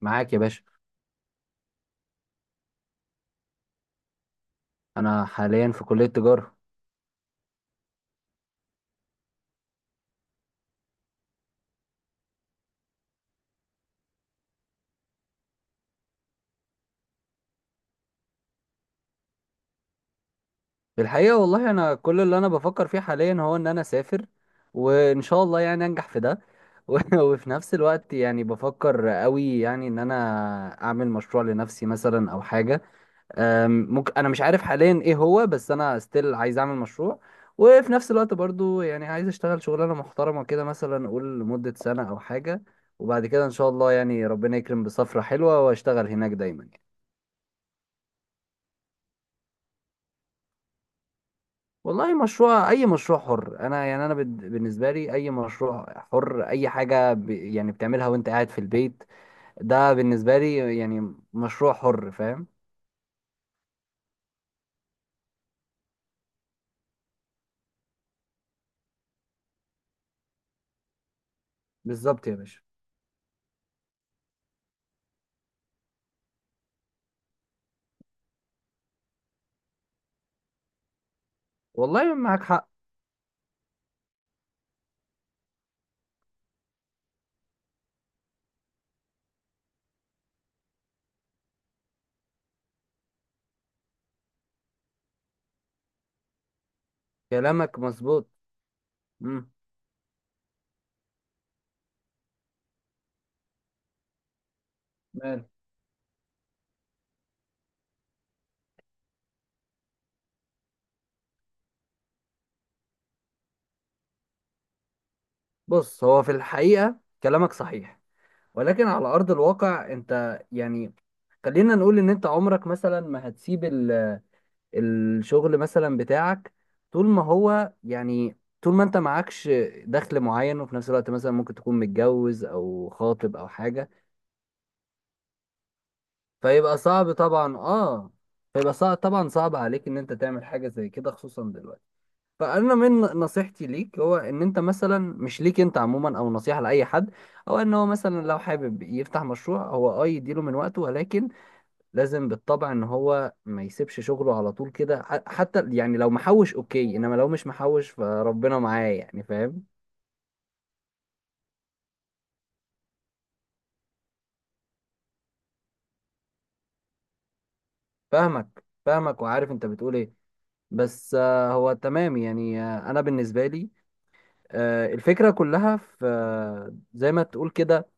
معاك يا باشا. انا حاليا في كلية تجارة. الحقيقة والله انا كل اللي انا بفكر فيه حاليا هو ان انا اسافر، وان شاء الله يعني انجح في ده. و- وفي نفس الوقت يعني بفكر قوي يعني ان انا اعمل مشروع لنفسي مثلا او حاجة. ممكن انا مش عارف حاليا ايه هو، بس انا ستيل عايز اعمل مشروع، وفي نفس الوقت برضو يعني عايز اشتغل شغلانة محترمة كده مثلا اقول لمدة سنة او حاجة، وبعد كده ان شاء الله يعني ربنا يكرم بسفرة حلوة واشتغل هناك دايما. والله مشروع، اي مشروع حر انا، يعني انا بالنسبه لي اي مشروع حر، اي حاجه يعني بتعملها وانت قاعد في البيت، ده بالنسبه لي يعني مشروع حر، فاهم؟ بالظبط يا باشا. والله معاك حق. كلامك مظبوط. مم. مال. بص، هو في الحقيقه كلامك صحيح، ولكن على ارض الواقع انت يعني خلينا نقول ان انت عمرك مثلا ما هتسيب الشغل مثلا بتاعك طول ما هو يعني طول ما انت معكش دخل معين، وفي نفس الوقت مثلا ممكن تكون متجوز او خاطب او حاجة، فيبقى صعب طبعا، اه، فيبقى صعب طبعا، صعب عليك ان انت تعمل حاجة زي كده خصوصا دلوقتي. فانا من نصيحتي ليك، هو ان انت مثلا، مش ليك انت عموما او نصيحة لاي حد، او ان هو مثلا لو حابب يفتح مشروع هو اه يديله من وقته، ولكن لازم بالطبع ان هو ما يسيبش شغله على طول كده، حتى يعني لو محوش اوكي، انما لو مش محوش فربنا معاه، يعني فاهم؟ فاهمك وعارف انت بتقول ايه. بس هو تمام يعني، انا بالنسبه لي الفكره كلها في، زي ما تقول كده،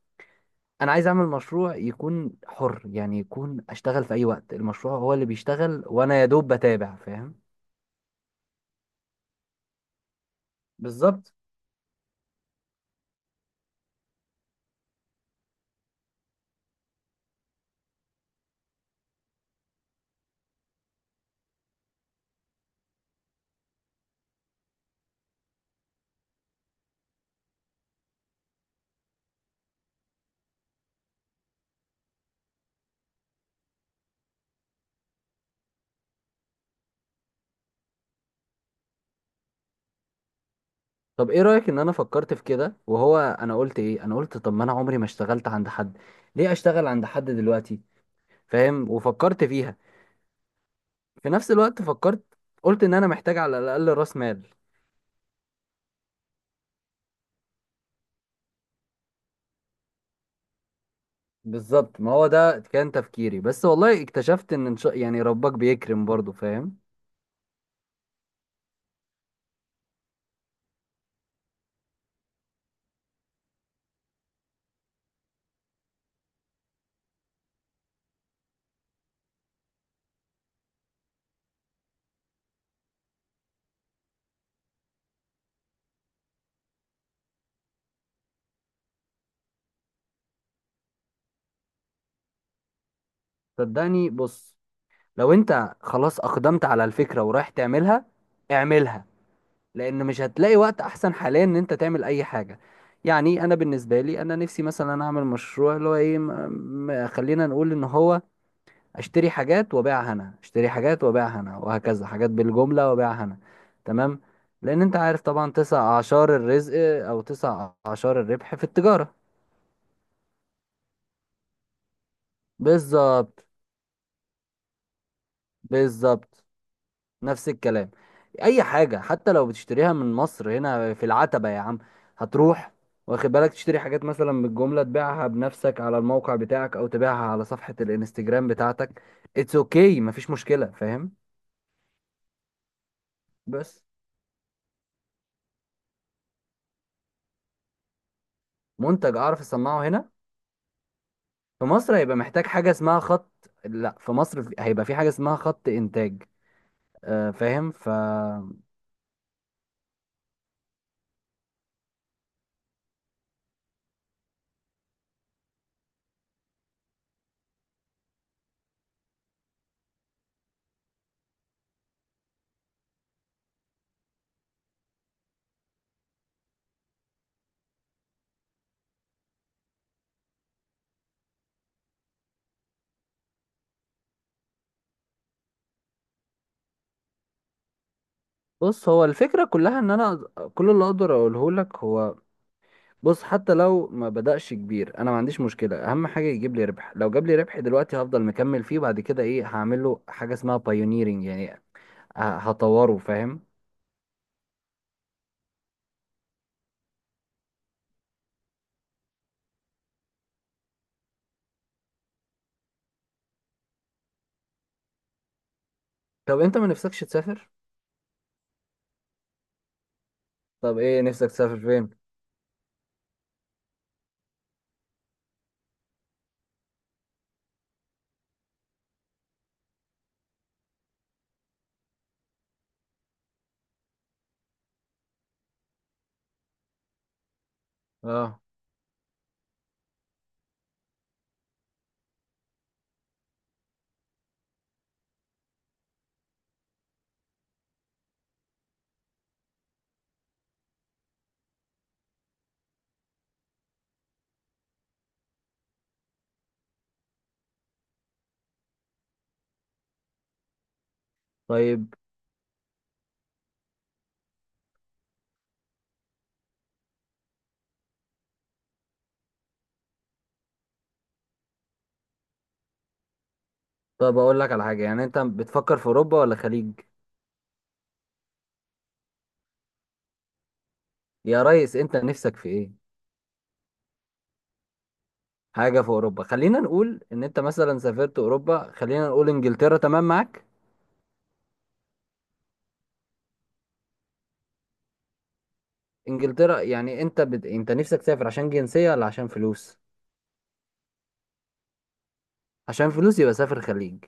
انا عايز اعمل مشروع يكون حر، يعني يكون اشتغل في اي وقت، المشروع هو اللي بيشتغل وانا يا دوب بتابع، فاهم؟ بالظبط. طب ايه رأيك ان انا فكرت في كده؟ وهو انا قلت ايه، انا قلت طب ما انا عمري ما اشتغلت عند حد، ليه اشتغل عند حد دلوقتي؟ فاهم؟ وفكرت فيها، في نفس الوقت فكرت، قلت ان انا محتاج على الاقل راس مال. بالظبط، ما هو ده كان تفكيري، بس والله اكتشفت ان إن شاء يعني ربك بيكرم برضو، فاهم؟ صدقني، بص، لو انت خلاص اقدمت على الفكرة ورايح تعملها، اعملها، لان مش هتلاقي وقت احسن حاليا ان انت تعمل اي حاجه. يعني انا بالنسبه لي، انا نفسي مثلا اعمل مشروع اللي هو ايه، خلينا نقول ان هو اشتري حاجات وابيعها انا، اشتري حاجات وابيعها انا، وهكذا، حاجات بالجمله وابيعها انا، تمام؟ لان انت عارف طبعا تسع اعشار الرزق، او تسع اعشار الربح في التجاره. بالظبط. بالظبط، نفس الكلام. اي حاجه حتى لو بتشتريها من مصر هنا في العتبه يا عم، هتروح واخد بالك تشتري حاجات مثلا بالجمله، تبيعها بنفسك على الموقع بتاعك او تبيعها على صفحه الانستجرام بتاعتك، اتس اوكي، مفيش مشكله، فاهم؟ بس منتج اعرف اصنعه هنا في مصر هيبقى محتاج حاجه اسمها خط، لا، في مصر هيبقى في حاجه اسمها خط انتاج، فاهم؟ بص، هو الفكره كلها ان انا كل اللي اقدر اقوله لك هو، بص، حتى لو ما بدأش كبير انا ما عنديش مشكلة، اهم حاجة يجيب لي ربح، لو جاب لي ربح دلوقتي هفضل مكمل فيه، بعد كده ايه، هعمل له حاجة اسمها بايونيرنج يعني، هطوره، فاهم؟ طب انت ما نفسكش تسافر؟ طب ايه نفسك تسافر فين؟ اه، طيب. طب اقول لك على حاجة، يعني انت بتفكر في اوروبا ولا خليج؟ يا ريس انت نفسك في ايه؟ حاجة في اوروبا، خلينا نقول ان انت مثلا سافرت اوروبا، خلينا نقول انجلترا، تمام معاك؟ انجلترا، يعني انت انت نفسك تسافر عشان جنسية ولا عشان فلوس؟ عشان فلوس يبقى سافر خليج.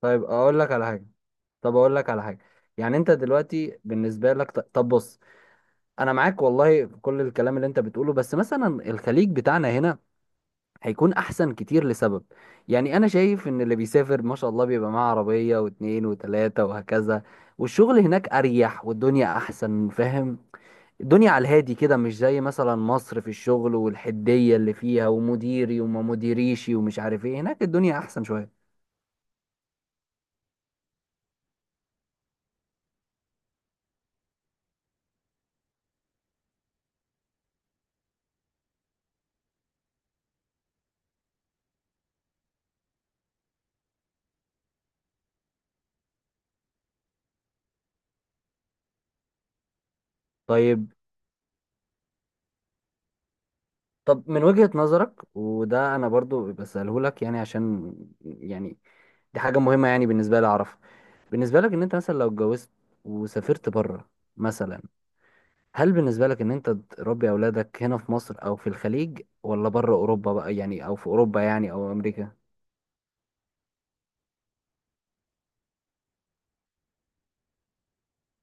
طيب اقول لك على حاجه، طب اقول لك على حاجه، يعني انت دلوقتي بالنسبه لك طب بص، انا معاك والله في كل الكلام اللي انت بتقوله، بس مثلا الخليج بتاعنا هنا هيكون احسن كتير لسبب، يعني انا شايف ان اللي بيسافر ما شاء الله بيبقى معاه عربيه واتنين وتلاته وهكذا، والشغل هناك اريح والدنيا احسن، فاهم؟ الدنيا على الهادي كده، مش زي مثلا مصر في الشغل والحديه اللي فيها ومديري وما مديريشي ومش عارف ايه، هناك الدنيا احسن شويه. طيب، طب من وجهة نظرك، وده انا برضو بسأله لك يعني عشان يعني دي حاجة مهمة يعني بالنسبة لي اعرفها، بالنسبة لك ان انت مثلا لو اتجوزت وسافرت بره مثلا، هل بالنسبة لك ان انت تربي اولادك هنا في مصر او في الخليج، ولا بره اوروبا بقى يعني، او في اوروبا يعني او امريكا؟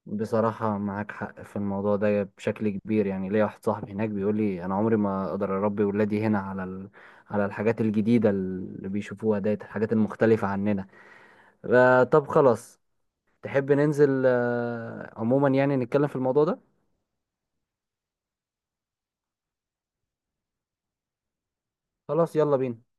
بصراحة معاك حق في الموضوع ده بشكل كبير، يعني ليا واحد صاحبي هناك بيقول لي أنا عمري ما أقدر أربي ولادي هنا على على الحاجات الجديدة اللي بيشوفوها ديت، الحاجات المختلفة عننا. طب خلاص، تحب ننزل عموما يعني نتكلم في الموضوع ده؟ خلاص يلا بينا.